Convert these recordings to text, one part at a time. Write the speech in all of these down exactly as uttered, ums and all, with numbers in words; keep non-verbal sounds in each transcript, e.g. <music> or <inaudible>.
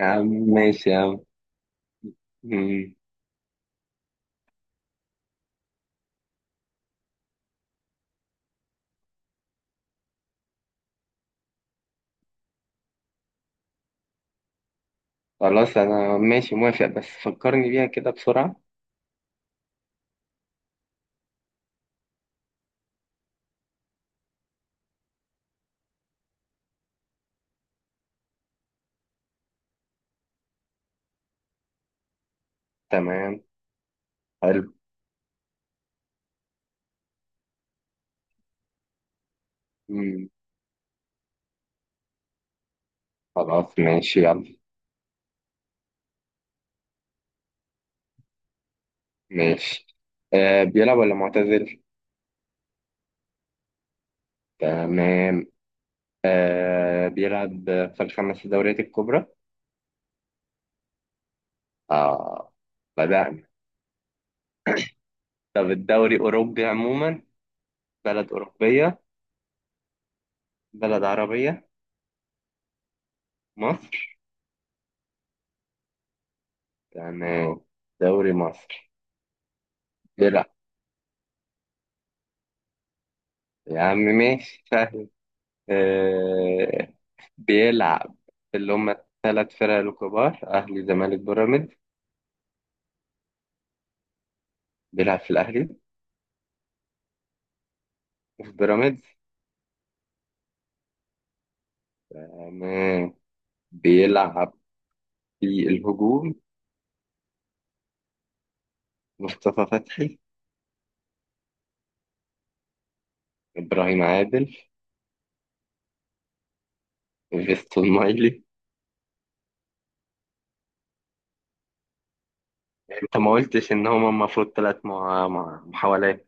يا عم ماشي يا عم. مم. خلاص أنا ماشي موافق، بس فكرني بيها كده بسرعة. تمام. حلو. مم. خلاص ماشي يلا. ماشي. آه، بيلعب ولا معتزل؟ تمام. آه، بيلعب. في الخمس دوريات الكبرى؟ آه. بدأنا. طب الدوري أوروبي عموما. بلد أوروبية. بلد عربية. مصر. تمام. دوري مصر. بيلعب. يا عم ماشي سهل. آه، بيلعب. في اللي هم الثلاث فرق الكبار، أهلي زمالك بيراميدز. بيلعب في الأهلي. وفي بيراميدز. تمام. بيلعب. في الهجوم. مصطفى فتحي. إبراهيم عادل. فيستون مايلي. أنت ما قلتش إن هما المفروض ثلاث مع... مع... محاولات.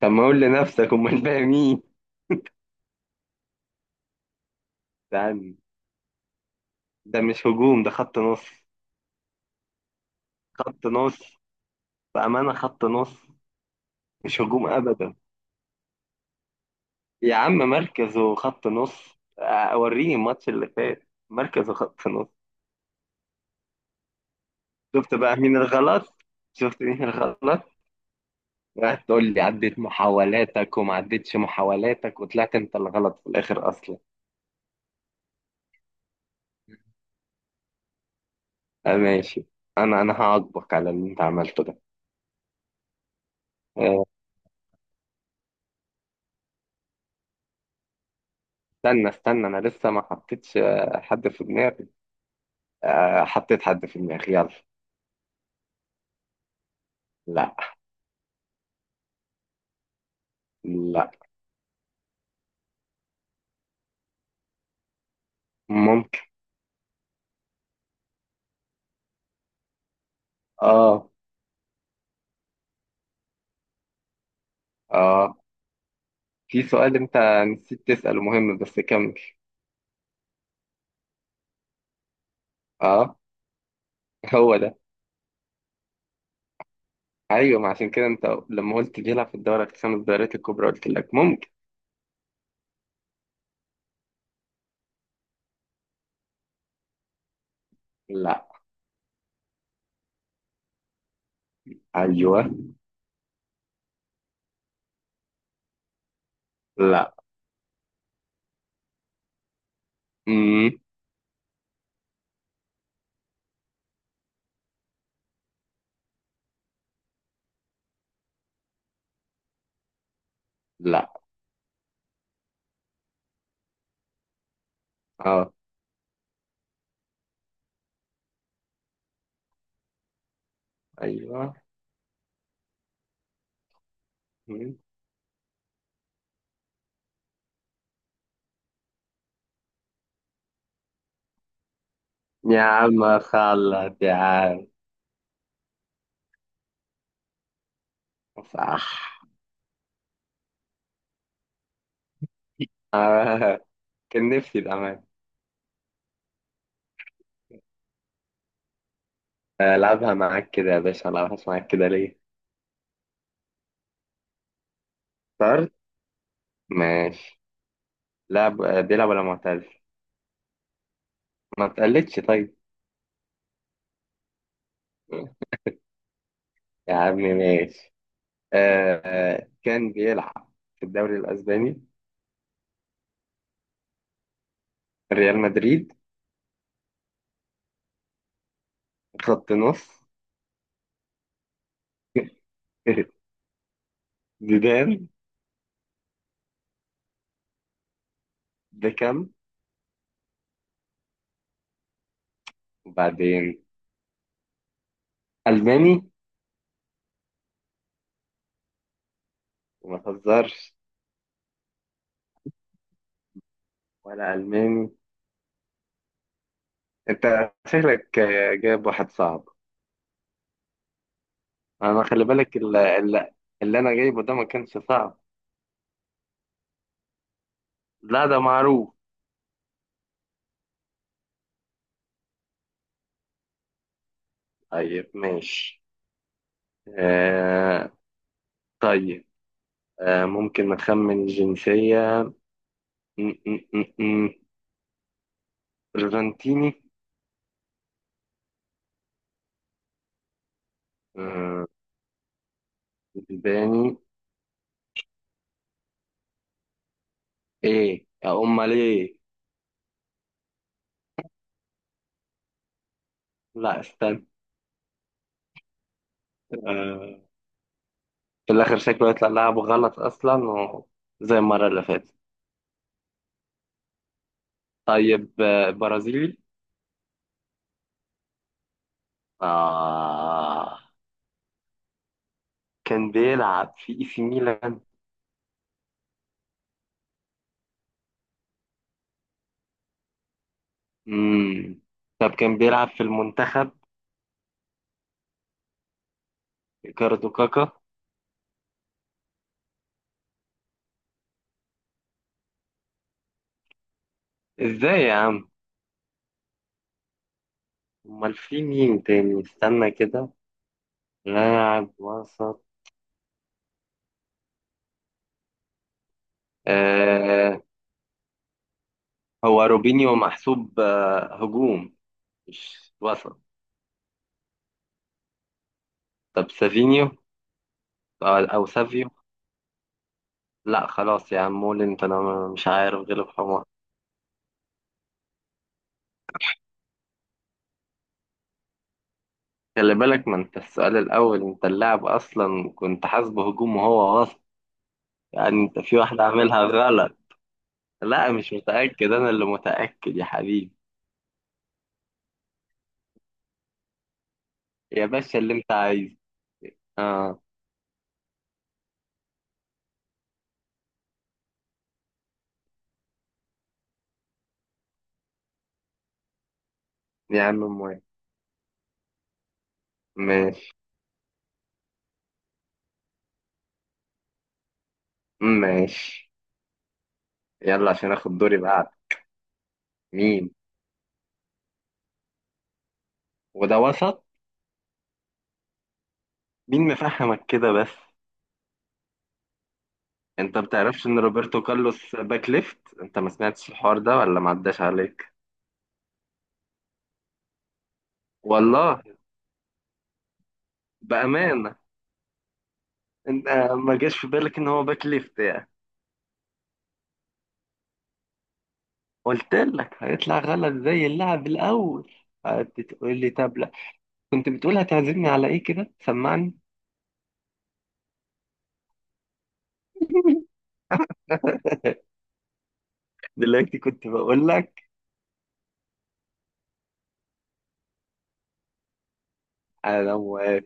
طب ما قول لنفسك أمال الباقي مين؟ ده ده مش هجوم، ده خط نص. خط نص. بأمانة خط نص. مش هجوم أبدا. يا عم مركزه خط نص، اوريني الماتش اللي فات. مركزه خط نص. شفت بقى مين الغلط. شفت مين الغلط. وقعدت تقول لي عدت محاولاتك وما عدتش محاولاتك، وطلعت انت الغلط في الاخر اصلا. آه، ماشي. انا انا هعاقبك على اللي انت عملته ده. آه، استنى استنى، انا لسه ما حطيتش آه، حد في دماغي. آه، حطيت حد في دماغي، يلا. لا. لا. ممكن. اه. اه. في سؤال انت نسيت تسأله مهم، بس كمل. اه، هو ده. ايوه، ما عشان كده انت لما قلت بيلعب في الدوري الخمس الدوريات الكبرى قلت لك ممكن. لا. ايوه. لا. امم. لا. اه. ايوه. مم. يا عم خلص يا عم. صح. <laughs> آه. كان نفسي بأمان. ألعبها معاك كده يا باشا، ألعبها معاك كده ليه؟ اخترت. ماشي. لعب آه، بيلعب ولا معتزل؟ ما تقلدش طيب. يا عم ماشي. آه. آه، كان بيلعب في الدوري الأسباني. ريال مدريد. خط نص. <laughs> زيدان. ده كام. وبعدين. ألماني. وما تهزرش. ولا ألماني. أنت شكلك آه، جايب واحد صعب. أنا خلي بالك اللي, اللي أنا جايبه ده ما كانش صعب. لا ده معروف. طيب ماشي. آه. طيب. آه، ممكن نخمن الجنسية. م- م- م- م. أرجنتيني. آه، اسباني. إيه يا أمال إيه. لا استنى. آه، في الآخر شكله يطلع لعبه غلط أصلا و... زي المرة اللي فاتت. طيب آه، برازيلي. آه كان بيلعب في إي سي ميلان. مم. طب كان بيلعب في المنتخب. ريكاردو كاكا. إزاي يا عم. أمال في مين تاني، استنى كده. لاعب وسط. آه، هو روبينيو محسوب آه هجوم مش وسط. طب سافينيو. آه، أو سافيو. لا خلاص يا عم، مولن فأنا مش عارف، غلب حمار. خلي بالك ما انت السؤال الاول انت اللاعب اصلا كنت حاسبه هجوم وهو وسط. يعني انت في واحده عاملها غلط. لا مش متاكد، انا اللي متاكد يا حبيبي. يا باشا اللي انت عايزه. اه. يا عم موافق. ماشي. ماشي، يلا عشان اخد دوري بعد. مين. وده وسط. مين مفهمك كده بس. انت بتعرفش ان روبرتو كارلوس باك ليفت؟ انت ما سمعتش الحوار ده ولا ما عداش عليك. والله. بامانه. انت، ما جاش في بالك ان هو باك ليفت يعني. قلت لك هيطلع غلط زي اللعب الاول. هتقول لي طب لا. كنت بتقول هتعزمني على ايه، كده سمعني. <laughs> دلوقتي كنت بقول لك. انا موافق.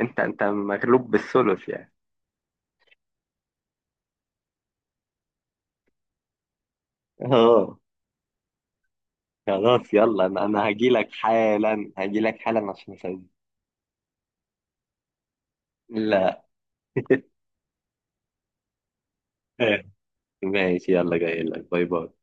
انت انت مغلوب بالثلث يعني. اه. خلاص يلا، انا انا هجي لك حالا هجي لك حالا عشان اسوي. لا. <laughs> ماشي، يلا جاي لك، باي باي.